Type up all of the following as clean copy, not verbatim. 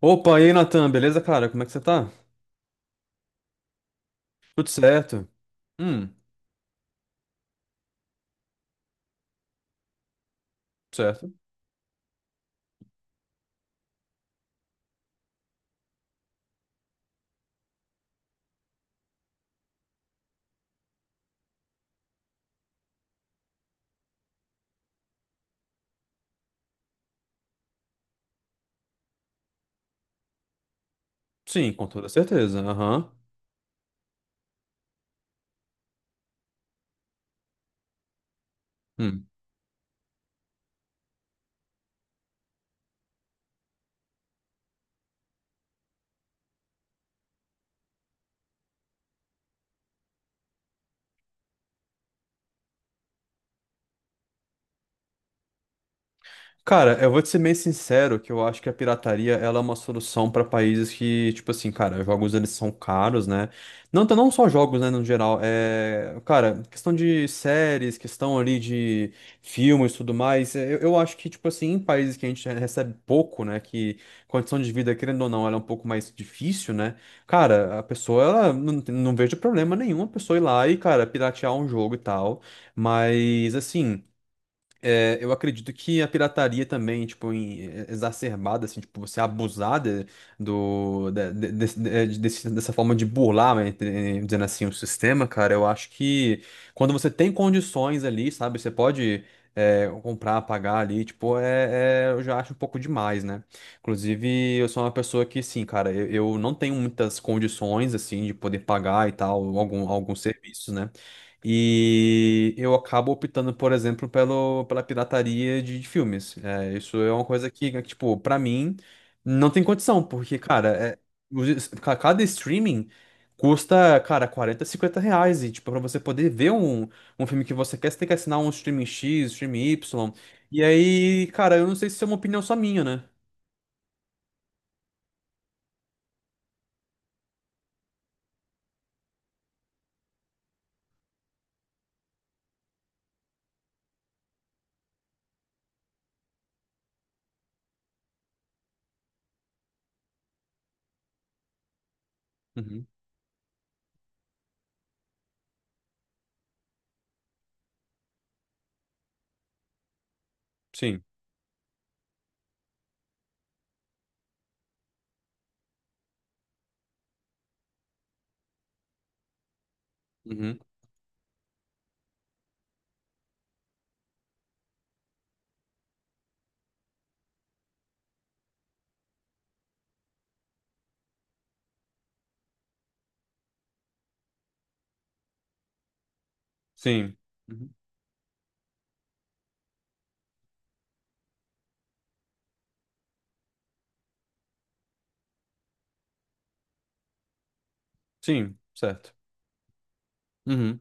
Opa, e aí, Natan, beleza, cara? Como é que você tá? Tudo certo? Hum, certo. Sim, com toda certeza. Aham. Hum. Cara, eu vou te ser meio sincero que eu acho que a pirataria ela é uma solução para países que, tipo assim, cara, jogos eles são caros, né? Não, não só jogos, né, no geral. É, cara, questão de séries, questão ali de filmes e tudo mais. Eu acho que, tipo assim, em países que a gente recebe pouco, né, que condição de vida, querendo ou não, ela é um pouco mais difícil, né? Cara, a pessoa, ela não, não vejo problema nenhum a pessoa ir lá e, cara, piratear um jogo e tal. Mas, assim. É, eu acredito que a pirataria também, tipo, exacerbada, assim, tipo, você abusada do, da- de- desse- eh, de- é, desse- dessa forma de burlar, né, dizendo assim, o sistema, cara, eu acho que quando você tem condições ali, sabe, você pode comprar, pagar ali, tipo, eu já acho um pouco demais, né? Inclusive, eu sou uma pessoa que, sim, cara, eu não tenho muitas condições, assim, de poder pagar e tal, alguns serviços, né? E eu acabo optando, por exemplo, pela pirataria de filmes. É, isso é uma coisa que, tipo, pra mim, não tem condição, porque, cara, cada streaming custa, cara, 40 50 reais. E, tipo, pra você poder ver um filme que você quer, você tem que assinar um streaming X, streaming Y. E aí, cara, eu não sei se isso é uma opinião só minha, né? Uhum. Sim. Uhum. Sim. Uhum. Sim, certo. Uhum.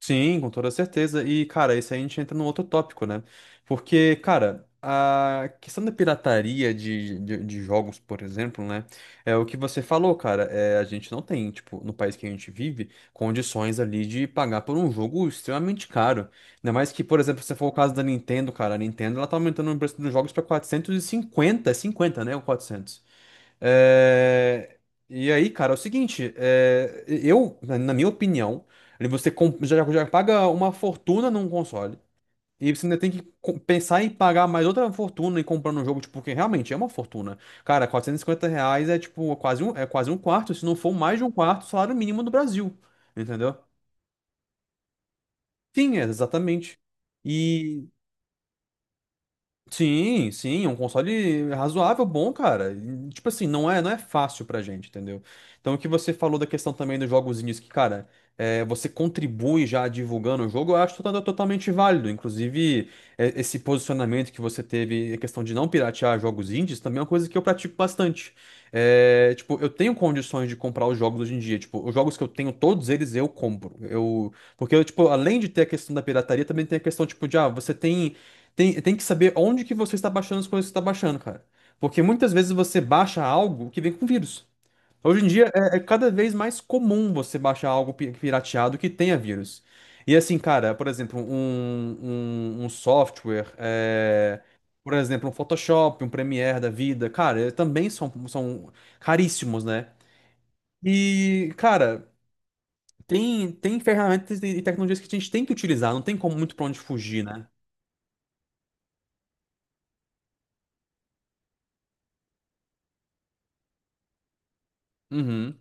Sim, com toda certeza. E, cara, isso aí a gente entra num outro tópico, né? Porque, cara, a questão da pirataria de jogos, por exemplo, né? É o que você falou, cara. É, a gente não tem, tipo, no país que a gente vive, condições ali de pagar por um jogo extremamente caro. Ainda mais que, por exemplo, se for o caso da Nintendo, cara, a Nintendo ela tá aumentando o preço dos jogos pra 450, é 50 né? Ou quatrocentos. é, E aí, cara, é o seguinte, eu, na minha opinião, ali já paga uma fortuna num console e você ainda tem que pensar em pagar mais outra fortuna e comprar um jogo, tipo, porque realmente é uma fortuna. Cara, 450 reais é tipo quase um, é quase um quarto, se não for mais de um quarto, do salário mínimo do Brasil, entendeu? Sim, é, exatamente. Sim, sim, é um console razoável, bom, cara. E, tipo assim, não é, não é fácil pra gente, entendeu? Então, o que você falou da questão também dos jogozinhos que, cara, você contribui já divulgando o jogo, eu acho totalmente válido. Inclusive, esse posicionamento que você teve, a questão de não piratear jogos indies, também é uma coisa que eu pratico bastante. É, tipo, eu tenho condições de comprar os jogos hoje em dia. Tipo, os jogos que eu tenho, todos eles eu compro. Eu, porque, eu, tipo, além de ter a questão da pirataria, também tem a questão, tipo, de, ah, você tem. Tem que saber onde que você está baixando as coisas que você está baixando, cara. Porque muitas vezes você baixa algo que vem com vírus. Hoje em dia é cada vez mais comum você baixar algo pirateado que tenha vírus. E assim, cara, por exemplo, um software, por exemplo, um Photoshop, um Premiere da vida, cara, também são caríssimos, né? E, cara, tem ferramentas e tecnologias que a gente tem que utilizar, não tem como muito pra onde fugir, né? Uhum.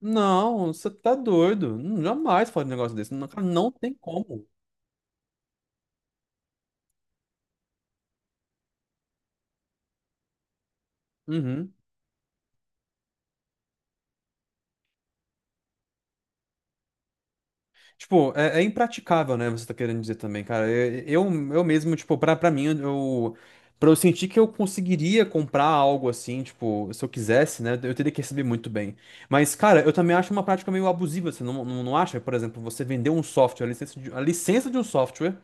Não, você tá doido. Não, jamais falar de um negócio desse. Não, cara, não tem como. Uhum. Tipo, é impraticável, né? Você tá querendo dizer também, cara. Eu mesmo, tipo, pra mim, eu, pra eu sentir que eu conseguiria comprar algo assim, tipo, se eu quisesse, né? Eu teria que receber muito bem. Mas, cara, eu também acho uma prática meio abusiva. Você não, não, não acha? Por exemplo, você vender um software, a licença de um software,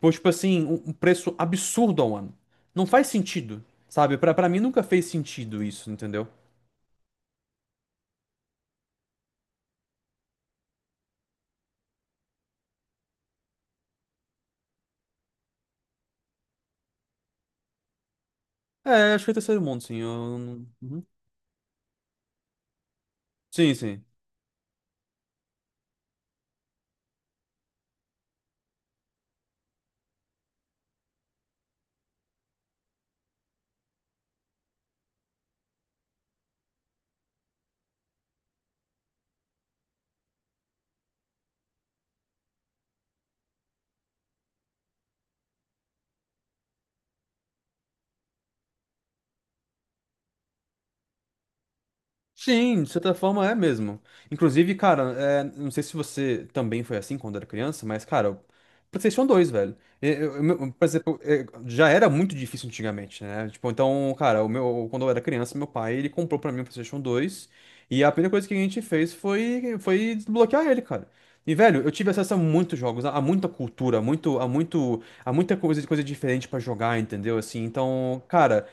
por, tipo assim, um preço absurdo ao ano. Não faz sentido, sabe? Pra mim nunca fez sentido isso, entendeu? É, acho que é terceiro mundo, sim. Eu... não- Uhum. Sim, sim. Sim, de certa forma é mesmo. Inclusive, cara, não sei se você também foi assim quando era criança, mas, cara, o PlayStation 2 velho. Por exemplo, já era muito difícil antigamente, né? Tipo, então, cara, o meu, quando eu era criança, meu pai, ele comprou pra mim o PlayStation 2 e a primeira coisa que a gente fez foi, desbloquear ele, cara. E, velho, eu tive acesso a muitos jogos, a muita cultura, a muito, a muito, a muita coisa, coisa diferente pra jogar, entendeu? Assim, então, cara.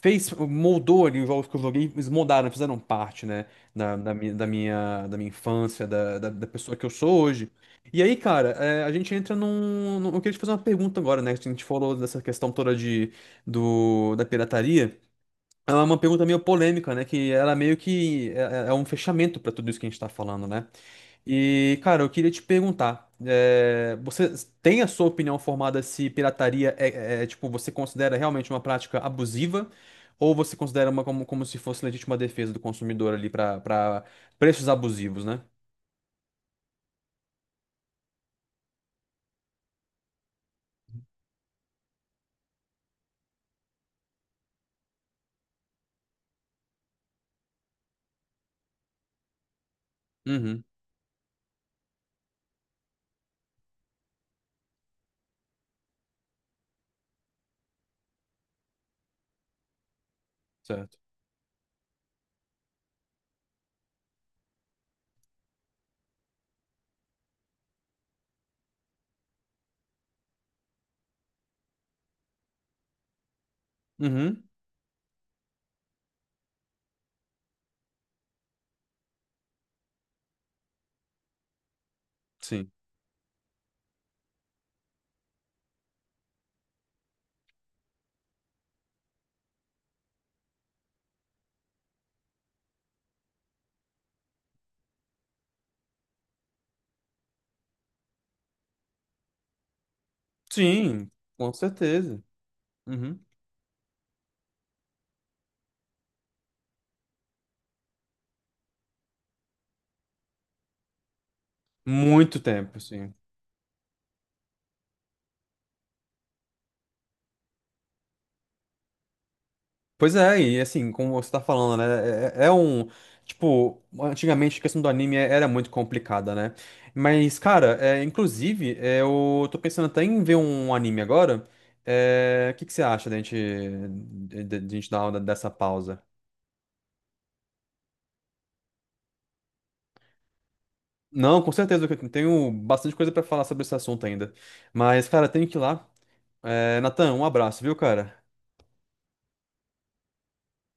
Fez, moldou ali os jogos que eu joguei, eles moldaram, fizeram parte, né, da minha infância, da pessoa que eu sou hoje. E aí, cara, a gente entra Eu queria te fazer uma pergunta agora, né? Que a gente falou dessa questão toda da pirataria. É uma pergunta meio polêmica, né? Que ela meio que é um fechamento pra tudo isso que a gente tá falando, né? E, cara, eu queria te perguntar, você tem a sua opinião formada se pirataria é, tipo, você considera realmente uma prática abusiva ou você considera uma como se fosse legítima defesa do consumidor ali para preços abusivos, né? Uhum, certo. Uhum, sim. Sim, com certeza. Uhum. Muito tempo, sim. Pois é, e assim, como você tá falando, né? É, é um. Tipo, antigamente a questão do anime era muito complicada, né? Mas, cara, inclusive, eu tô pensando até em ver um anime agora. É, o que que você acha da gente, de gente dar uma dessa pausa? Não, com certeza, que eu tenho bastante coisa pra falar sobre esse assunto ainda. Mas, cara, tenho que ir lá. É, Natan, um abraço, viu, cara?